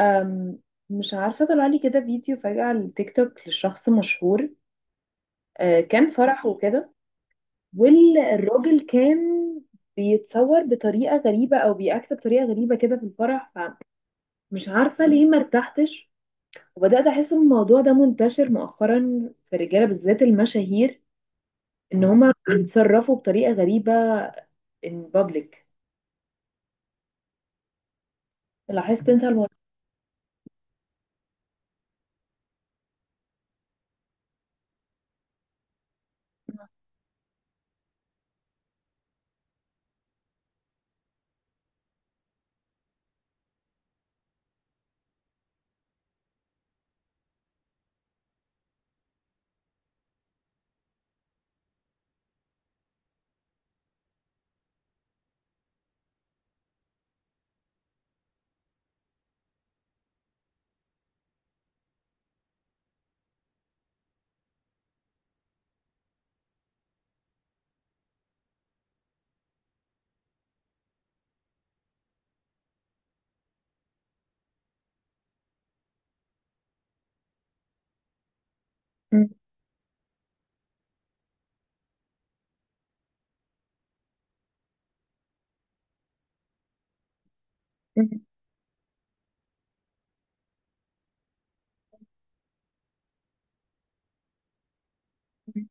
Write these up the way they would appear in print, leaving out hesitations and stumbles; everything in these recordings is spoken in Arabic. أم، مش عارفة طلع لي كده فيديو فجأة على التيك توك لشخص مشهور. كان فرح وكده، والراجل كان بيتصور بطريقة غريبة أو بيأكت بطريقة غريبة كده في الفرح. فمش عارفة ليه مرتحتش، وبدأت أحس إن الموضوع ده منتشر مؤخرا في الرجالة بالذات المشاهير، إن هما بيتصرفوا بطريقة غريبة in public. لاحظت أنت الموضوع؟ م- م- م.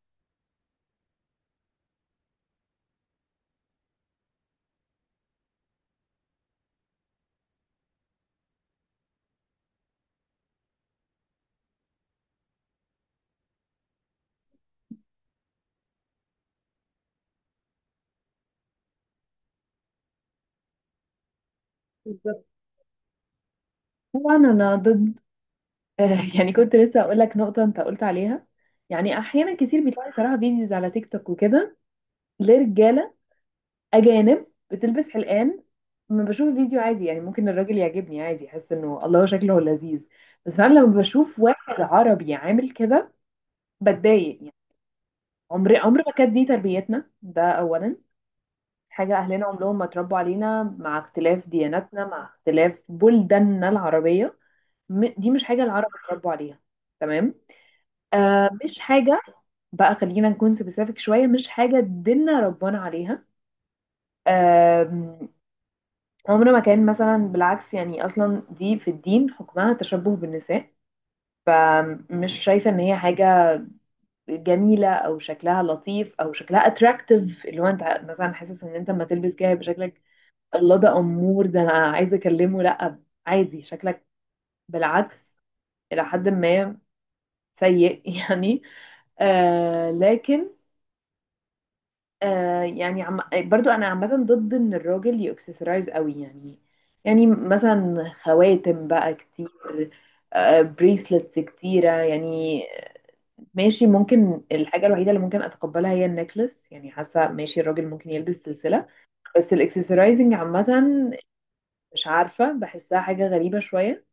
بالظبط. طبعا أنا ضد. آه، يعني كنت لسه اقول لك نقطه انت قلت عليها. يعني احيانا كتير بيطلع لي صراحه فيديوز على تيك توك وكده، لرجاله اجانب بتلبس حلقان. لما بشوف الفيديو عادي، يعني ممكن الراجل يعجبني عادي، احس انه الله شكله لذيذ. بس فعلا لما بشوف واحد عربي عامل كده بتضايق يعني. عمر ما كانت دي تربيتنا، ده اولا. حاجه اهلنا عمرهم ما اتربوا علينا، مع اختلاف دياناتنا، مع اختلاف بلداننا العربيه. دي مش حاجه العرب اتربوا عليها. تمام. آه، مش حاجه. بقى خلينا نكون سبيسيفيك شوية، مش حاجة دينا ربنا عليها. آم، عمره ما كان مثلا، بالعكس. يعني أصلا دي في الدين حكمها تشبه بالنساء. فمش شايفة إن هي حاجة جميلة أو شكلها لطيف أو شكلها أتراكتيف، اللي هو أنت مثلا حاسس إن أنت لما تلبس كده يبقى شكلك الله، ده أمور. ده أنا عايزة أكلمه، لأ، عادي شكلك، بالعكس، إلى حد ما سيء يعني. لكن، يعني برضو انا عامه ضد ان الراجل يأكسسرايز قوي يعني. يعني مثلا خواتم بقى كتير، بريسلتس كتيره يعني. ماشي، ممكن الحاجه الوحيده اللي ممكن اتقبلها هي النكلس، يعني حاسه ماشي الراجل ممكن يلبس سلسله. بس الاكسسرايزنج عامه، مش عارفه، بحسها حاجه غريبه شويه.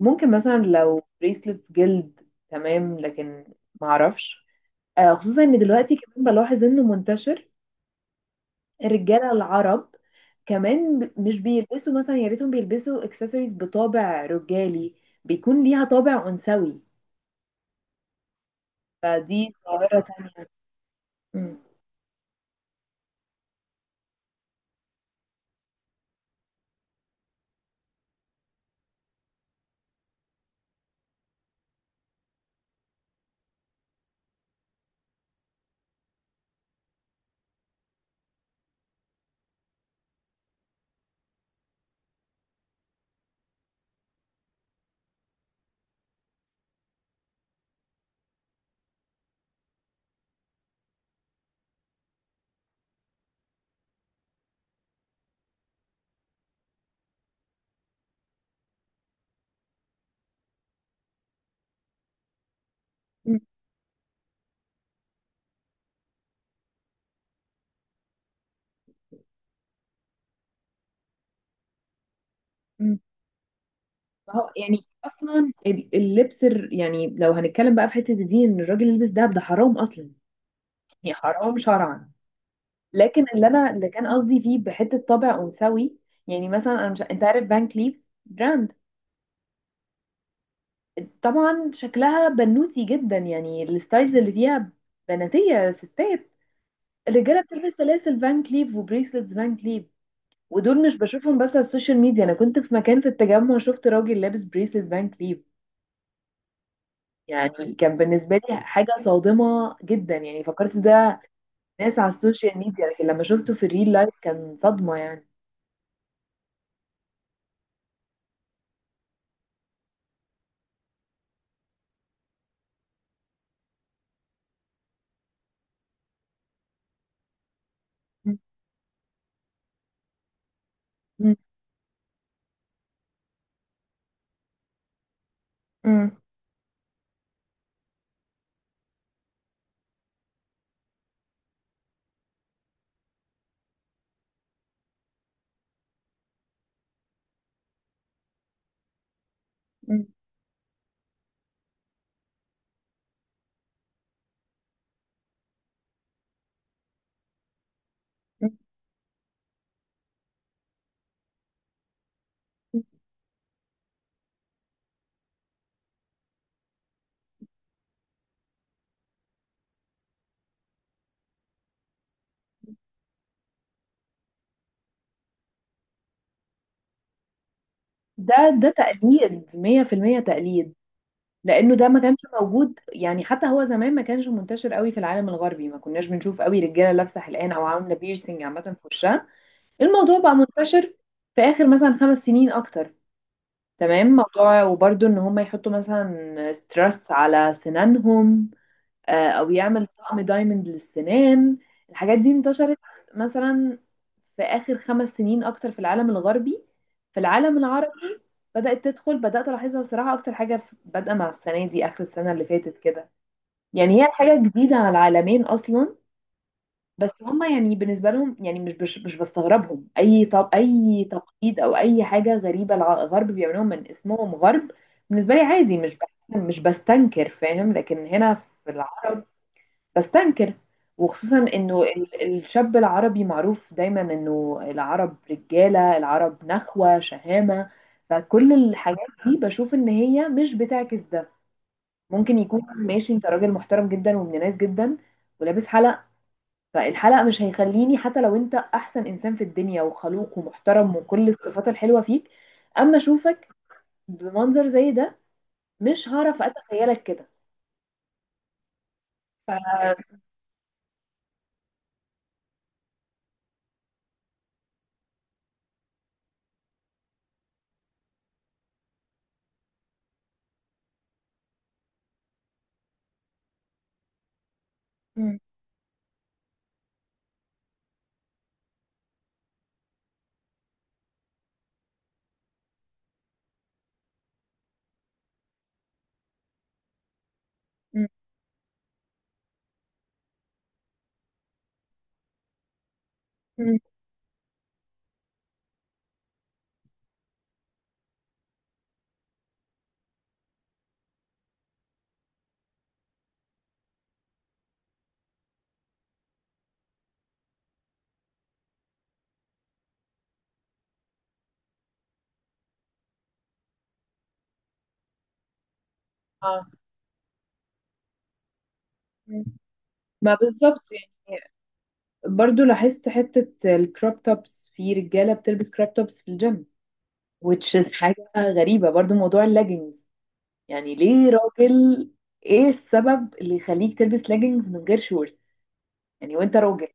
ممكن مثلا لو بريسلتس جلد تمام، لكن معرفش. خصوصا ان دلوقتي كمان بلاحظ انه منتشر الرجاله العرب كمان. مش بيلبسوا مثلا، يا ريتهم بيلبسوا اكسسوارز بطابع رجالي، بيكون ليها طابع انثوي. فدي ظاهره تانية. مم. مم. مم. ما هو يعني اصلا اللبس يعني لو هنتكلم بقى في حته دي، ان الراجل يلبس دهب ده حرام اصلا. يعني حرام شرعا. لكن اللي كان قصدي فيه بحته طابع انثوي. يعني مثلا انا، مش انت عارف فان كليف براند؟ طبعا شكلها بنوتي جدا، يعني الستايلز اللي فيها بناتية ستات. الرجالة بتلبس سلاسل فان كليف وبريسلتس فان كليف. ودول مش بشوفهم بس على السوشيال ميديا، انا كنت في مكان في التجمع شفت راجل لابس بريسلت فان كليف. يعني كان بالنسبة لي حاجة صادمة جدا، يعني فكرت ده ناس على السوشيال ميديا، لكن لما شفته في الريل لايف كان صدمة يعني. مم. مم. مم. مم. ده ده تقليد 100% تقليد. لانه ده ما كانش موجود، يعني حتى هو زمان ما كانش منتشر قوي في العالم الغربي، ما كناش بنشوف قوي رجاله لابسه حلقان او عامله بيرسينج عامه في وشها. الموضوع بقى منتشر في اخر مثلا 5 سنين اكتر. تمام، موضوع وبرده ان هم يحطوا مثلا ستريس على سنانهم، او يعمل طقم دايموند للسنان. الحاجات دي انتشرت مثلا في اخر 5 سنين اكتر في العالم الغربي. في العالم العربي بدأت تدخل، بدأت ألاحظها صراحة أكتر حاجة، بادئة مع السنة دي، آخر السنة اللي فاتت كده. يعني هي حاجة جديدة على العالمين أصلا. بس هما يعني بالنسبة لهم، يعني مش بستغربهم أي طب أي تقليد أو أي حاجة غريبة الغرب بيعملوها من اسمهم غرب. بالنسبة لي عادي، مش بستنكر فاهم، لكن هنا في العرب بستنكر. وخصوصا انه الشاب العربي معروف دايما انه العرب، رجالة العرب نخوة شهامة. فكل الحاجات دي بشوف ان هي مش بتعكس ده. ممكن يكون ماشي، انت راجل محترم جدا وابن ناس جدا ولابس حلق. فالحلق مش هيخليني، حتى لو انت احسن انسان في الدنيا وخلوق ومحترم وكل الصفات الحلوة فيك، اما اشوفك بمنظر زي ده مش هعرف اتخيلك كده. ف... م- م- م- آه. ما بالظبط، برضو لاحظت حتة الكروب توبس، في رجالة بتلبس كروب توبس في الجيم which is حاجة غريبة. برضو موضوع اللاجينز، يعني ليه راجل؟ ايه السبب اللي يخليك تلبس لاجينز من غير شورت، يعني وانت راجل؟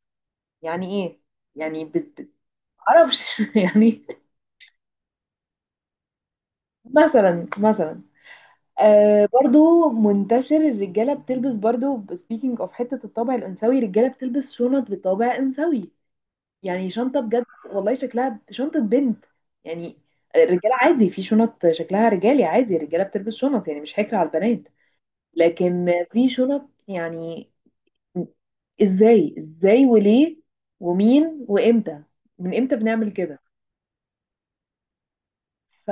يعني ايه؟ يعني بت... بت- معرفش يعني. مثلا، برضو منتشر الرجالة بتلبس، برضو speaking of حتة الطابع الأنثوي، الرجالة بتلبس شنط بطابع أنثوي. يعني شنطة بجد والله شكلها شنطة بنت يعني. الرجالة عادي في شنط شكلها رجالي عادي، الرجالة بتلبس شنط يعني مش حكر على البنات، لكن في شنط يعني ازاي ازاي وليه؟ ومين وامتى؟ من امتى بنعمل كده؟ ف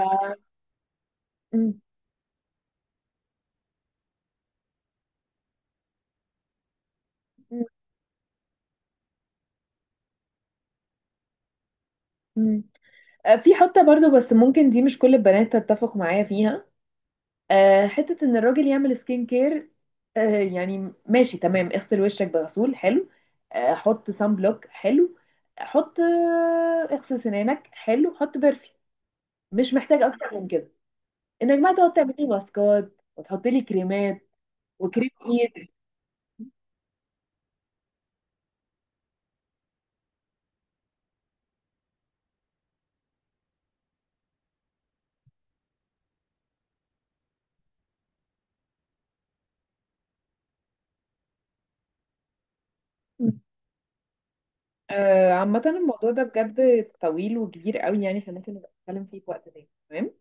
م- م- م. في حتة برضو، بس ممكن دي مش كل البنات تتفق معايا فيها، حتة ان الراجل يعمل سكين كير. يعني ماشي تمام، اغسل وشك بغسول حلو، حط سان بلوك حلو، حط اغسل سنانك حلو، حط برفيوم. مش محتاج اكتر من كده، انك بقى تقعد تعملي ماسكات وتحطي لي كريمات وكريم ايد. عامة الموضوع ده بجد طويل وكبير قوي، يعني احنا ممكن نبقى نتكلم فيه في وقت تاني، تمام.